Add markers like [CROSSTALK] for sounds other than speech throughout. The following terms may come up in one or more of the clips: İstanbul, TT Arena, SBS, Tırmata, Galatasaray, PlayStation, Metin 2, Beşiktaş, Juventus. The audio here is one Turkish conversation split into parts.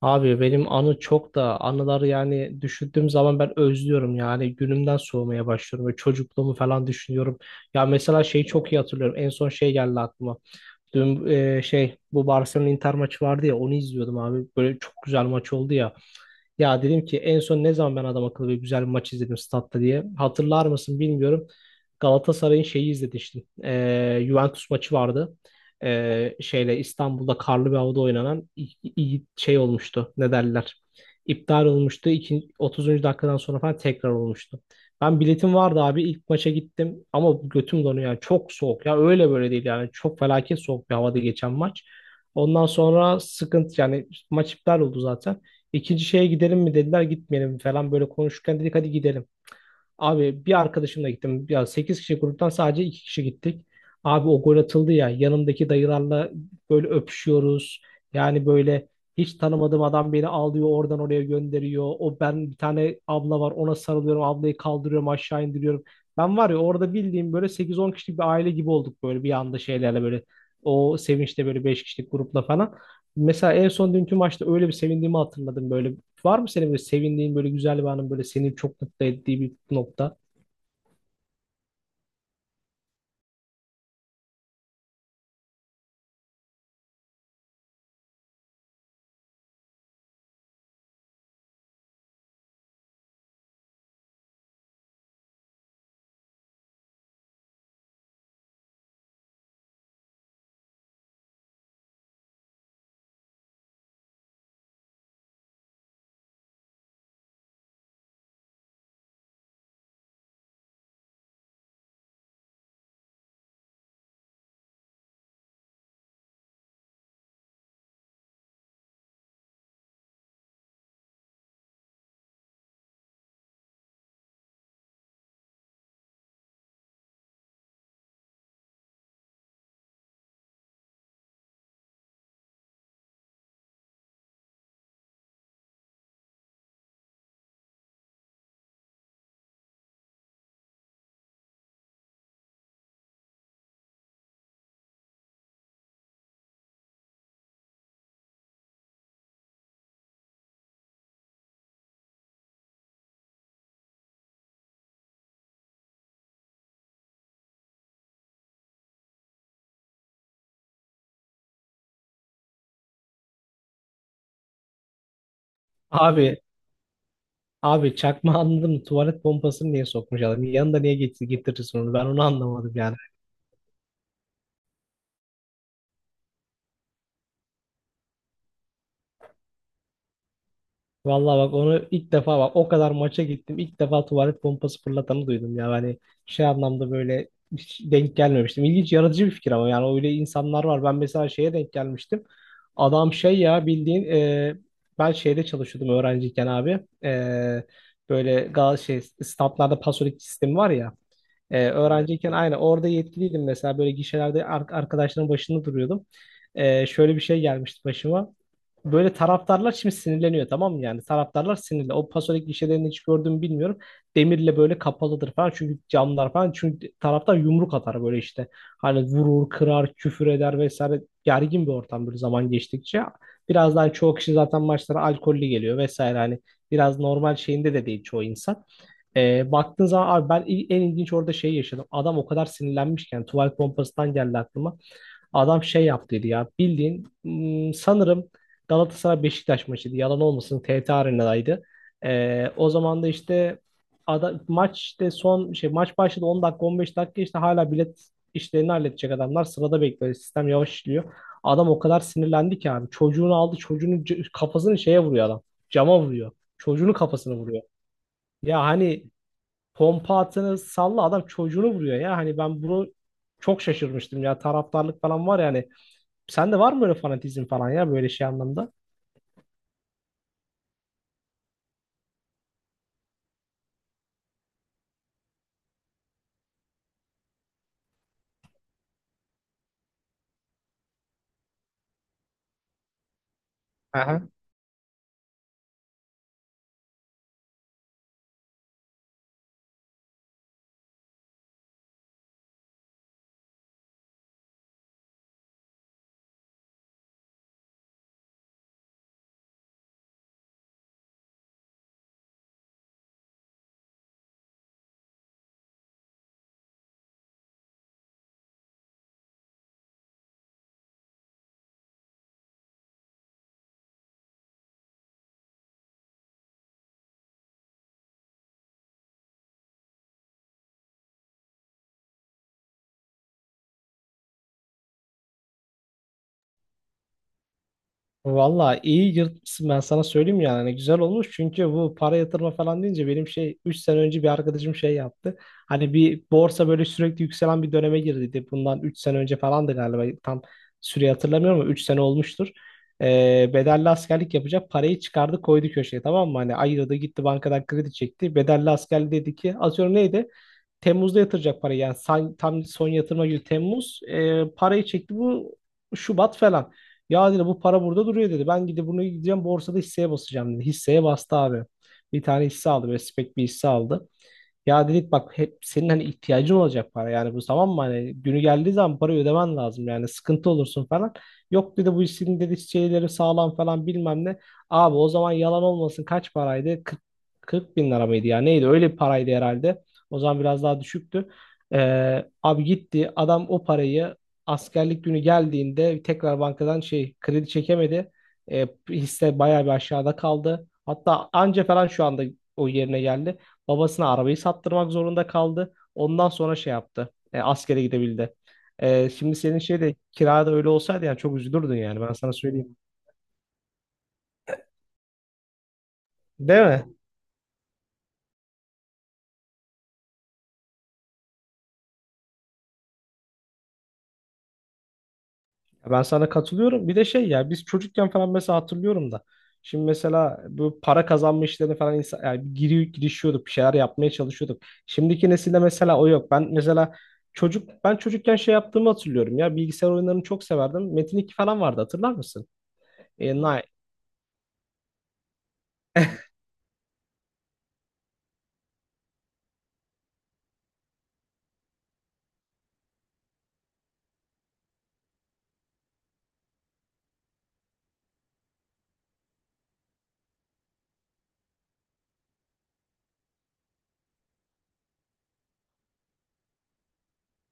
Abi benim anı çok da anıları yani düşündüğüm zaman ben özlüyorum yani günümden soğumaya başlıyorum ve çocukluğumu falan düşünüyorum. Ya mesela şeyi çok iyi hatırlıyorum en son şey geldi aklıma. Dün şey bu Barcelona Inter maçı vardı ya onu izliyordum abi böyle çok güzel maç oldu ya. Ya dedim ki en son ne zaman ben adam akıllı bir güzel bir maç izledim statta diye. Hatırlar mısın bilmiyorum. Galatasaray'ın şeyi izlemiştim. Juventus maçı vardı. Şeyle İstanbul'da karlı bir havada oynanan şey olmuştu. Ne derler? İptal olmuştu. 30. dakikadan sonra falan tekrar olmuştu. Ben biletim vardı abi. İlk maça gittim ama götüm donuyor. Yani çok soğuk ya. Öyle böyle değil yani. Çok felaket soğuk bir havada geçen maç. Ondan sonra sıkıntı yani maç iptal oldu zaten. İkinci şeye gidelim mi dediler gitmeyelim falan böyle konuşurken dedik hadi gidelim. Abi bir arkadaşımla gittim. Ya 8 kişi gruptan sadece 2 kişi gittik. Abi o gol atıldı ya yanımdaki dayılarla böyle öpüşüyoruz. Yani böyle hiç tanımadığım adam beni alıyor oradan oraya gönderiyor. O ben bir tane abla var ona sarılıyorum ablayı kaldırıyorum aşağı indiriyorum. Ben var ya orada bildiğim böyle sekiz on kişilik bir aile gibi olduk böyle bir anda şeylerle böyle o sevinçte böyle 5 kişilik grupla falan. Mesela en son dünkü maçta öyle bir sevindiğimi hatırladım böyle. Var mı senin böyle sevindiğin böyle güzel bir anın böyle seni çok mutlu ettiği bir nokta? Abi abi çakma anladın mı? Tuvalet pompasını niye sokmuş adam? Yanında niye getirirsin onu? Ben onu anlamadım yani. Vallahi bak onu ilk defa bak o kadar maça gittim. İlk defa tuvalet pompası fırlatanı duydum ya. Hani şey anlamda böyle hiç denk gelmemiştim. İlginç yaratıcı bir fikir ama yani öyle insanlar var. Ben mesela şeye denk gelmiştim. Adam şey ya bildiğin ben şeyde çalışıyordum öğrenciyken abi. Böyle gal şey standlarda pasolik sistemi var ya. Evet, öğrenciyken aynı orada yetkiliydim mesela böyle gişelerde arkadaşların başında duruyordum. Şöyle bir şey gelmişti başıma. Böyle taraftarlar şimdi sinirleniyor tamam mı? Yani taraftarlar sinirli. O Pasolik gişelerini hiç gördüğümü bilmiyorum. Demirle böyle kapalıdır falan. Çünkü camlar falan. Çünkü taraftar yumruk atar böyle işte. Hani vurur, kırar, küfür eder vesaire. Gergin bir ortam böyle zaman geçtikçe. Birazdan çoğu kişi zaten maçlara alkollü geliyor vesaire. Hani biraz normal şeyinde de değil çoğu insan. Baktığın zaman abi ben en ilginç orada şey yaşadım. Adam o kadar sinirlenmişken tuvalet pompasından geldi aklıma. Adam şey yaptıydı ya bildiğin sanırım Galatasaray Beşiktaş maçıydı. Yalan olmasın TT Arena'daydı. O zaman da işte maç işte son şey maç başladı 10 dakika 15 dakika işte hala bilet işlerini halledecek adamlar sırada bekliyor. Sistem yavaş işliyor. Adam o kadar sinirlendi ki abi çocuğunu aldı çocuğunun kafasını şeye vuruyor adam. Cama vuruyor. Çocuğunun kafasını vuruyor. Ya hani pompa atını salla adam çocuğunu vuruyor ya. Hani ben bunu çok şaşırmıştım ya taraftarlık falan var yani. Sende var mı böyle fanatizm falan ya böyle şey anlamda? Aha. Valla iyi yırtmışsın ben sana söyleyeyim yani. Hani güzel olmuş çünkü bu para yatırma falan deyince benim şey 3 sene önce bir arkadaşım şey yaptı. Hani bir borsa böyle sürekli yükselen bir döneme girdiydi. Bundan 3 sene önce falandı galiba tam süreyi hatırlamıyorum ama 3 sene olmuştur. Bedelli askerlik yapacak parayı çıkardı koydu köşeye tamam mı? Hani ayırdı gitti bankadan kredi çekti. Bedelli asker dedi ki atıyorum neydi? Temmuz'da yatıracak parayı yani tam son yatırma günü Temmuz, parayı çekti bu Şubat falan. Ya dedi bu para burada duruyor dedi. Ben gidip bunu gideceğim borsada hisseye basacağım dedi. Hisseye bastı abi. Bir tane hisse aldı böyle spek bir hisse aldı. Ya dedik bak hep senin hani ihtiyacın olacak para yani bu tamam mı hani günü geldiği zaman parayı ödemen lazım yani sıkıntı olursun falan. Yok dedi bu işin dedi şeyleri sağlam falan bilmem ne. Abi o zaman yalan olmasın kaç paraydı? 40 bin lira mıydı ya neydi öyle bir paraydı herhalde. O zaman biraz daha düşüktü. Abi gitti adam o parayı askerlik günü geldiğinde tekrar bankadan şey kredi çekemedi. Hisse bayağı bir aşağıda kaldı. Hatta anca falan şu anda o yerine geldi. Babasına arabayı sattırmak zorunda kaldı. Ondan sonra şey yaptı. Askere gidebildi. Şimdi senin şey de kirada öyle olsaydı yani çok üzülürdün yani ben sana söyleyeyim. Değil mi? Ben sana katılıyorum. Bir de şey ya biz çocukken falan mesela hatırlıyorum da. Şimdi mesela bu para kazanma işlerini falan insan, yani giriyor, girişiyorduk, bir şeyler yapmaya çalışıyorduk. Şimdiki nesilde mesela o yok. Ben mesela ben çocukken şey yaptığımı hatırlıyorum ya bilgisayar oyunlarını çok severdim. Metin 2 falan vardı hatırlar mısın? E, Ni-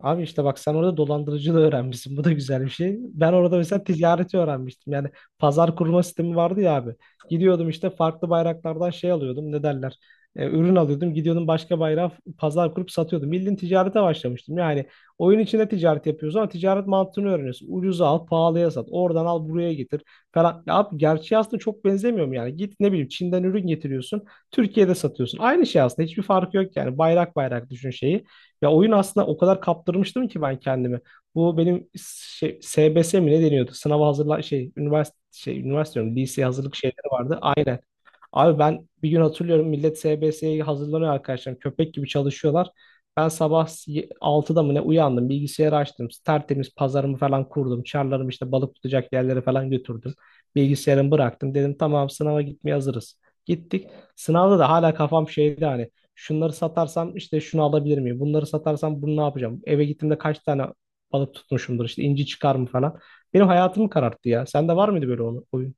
Abi işte bak sen orada dolandırıcılığı öğrenmişsin. Bu da güzel bir şey. Ben orada mesela ticareti öğrenmiştim. Yani pazar kurma sistemi vardı ya abi. Gidiyordum işte farklı bayraklardan şey alıyordum. Ne derler? Ürün alıyordum. Gidiyordum başka bayrağı pazar kurup satıyordum. Bildiğin ticarete başlamıştım. Yani oyun içinde ticaret yapıyoruz ama ticaret mantığını öğreniyorsun. Ucuza al, pahalıya sat. Oradan al, buraya getir falan. Ya abi gerçeği aslında çok benzemiyor mu yani? Git ne bileyim Çin'den ürün getiriyorsun. Türkiye'de satıyorsun. Aynı şey aslında. Hiçbir farkı yok yani. Bayrak bayrak düşün şeyi. Ya oyun aslında o kadar kaptırmıştım ki ben kendimi. Bu benim şey, SBS mi ne deniyordu? Sınava hazırlan şey üniversite şey üniversite diyorum, lise hazırlık şeyleri vardı. Aynen. Abi ben bir gün hatırlıyorum millet SBS'ye hazırlanıyor arkadaşlar. Köpek gibi çalışıyorlar. Ben sabah 6'da mı ne uyandım. Bilgisayarı açtım. Tertemiz pazarımı falan kurdum. Çarlarımı işte balık tutacak yerlere falan götürdüm. Bilgisayarımı bıraktım. Dedim tamam sınava gitmeye hazırız. Gittik. Sınavda da hala kafam şeydi hani. Şunları satarsam işte şunu alabilir miyim? Bunları satarsam bunu ne yapacağım? Eve gittiğimde kaç tane balık tutmuşumdur? İşte inci çıkar mı falan. Benim hayatımı kararttı ya. Sende var mıydı böyle oyun?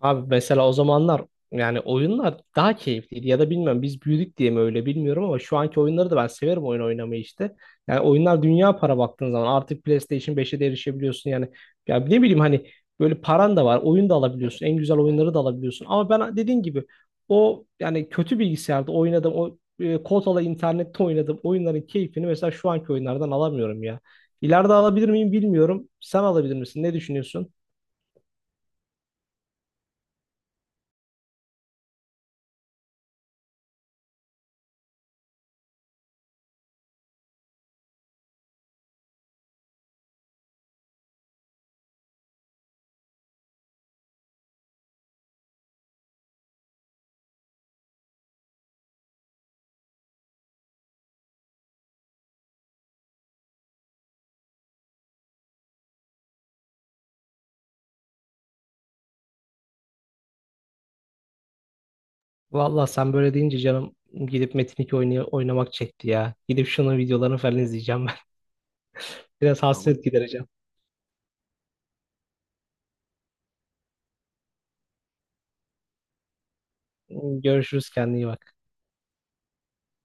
Abi mesela o zamanlar yani oyunlar daha keyifliydi ya da bilmiyorum biz büyüdük diye mi öyle bilmiyorum ama şu anki oyunları da ben severim oyun oynamayı işte. Yani oyunlar dünya para baktığın zaman artık PlayStation beşe de erişebiliyorsun yani. Ya ne bileyim hani böyle paran da var oyun da alabiliyorsun en güzel oyunları da alabiliyorsun. Ama ben dediğin gibi o yani kötü bilgisayarda oynadım o kotalı internette oynadığım oyunların keyfini mesela şu anki oyunlardan alamıyorum ya. İleride alabilir miyim bilmiyorum. Sen alabilir misin? Ne düşünüyorsun? Valla sen böyle deyince canım gidip Metin 2 oynamak çekti ya. Gidip şunun videolarını falan izleyeceğim ben. [LAUGHS] Biraz tamam, hasret gidereceğim. Görüşürüz kendine iyi bak.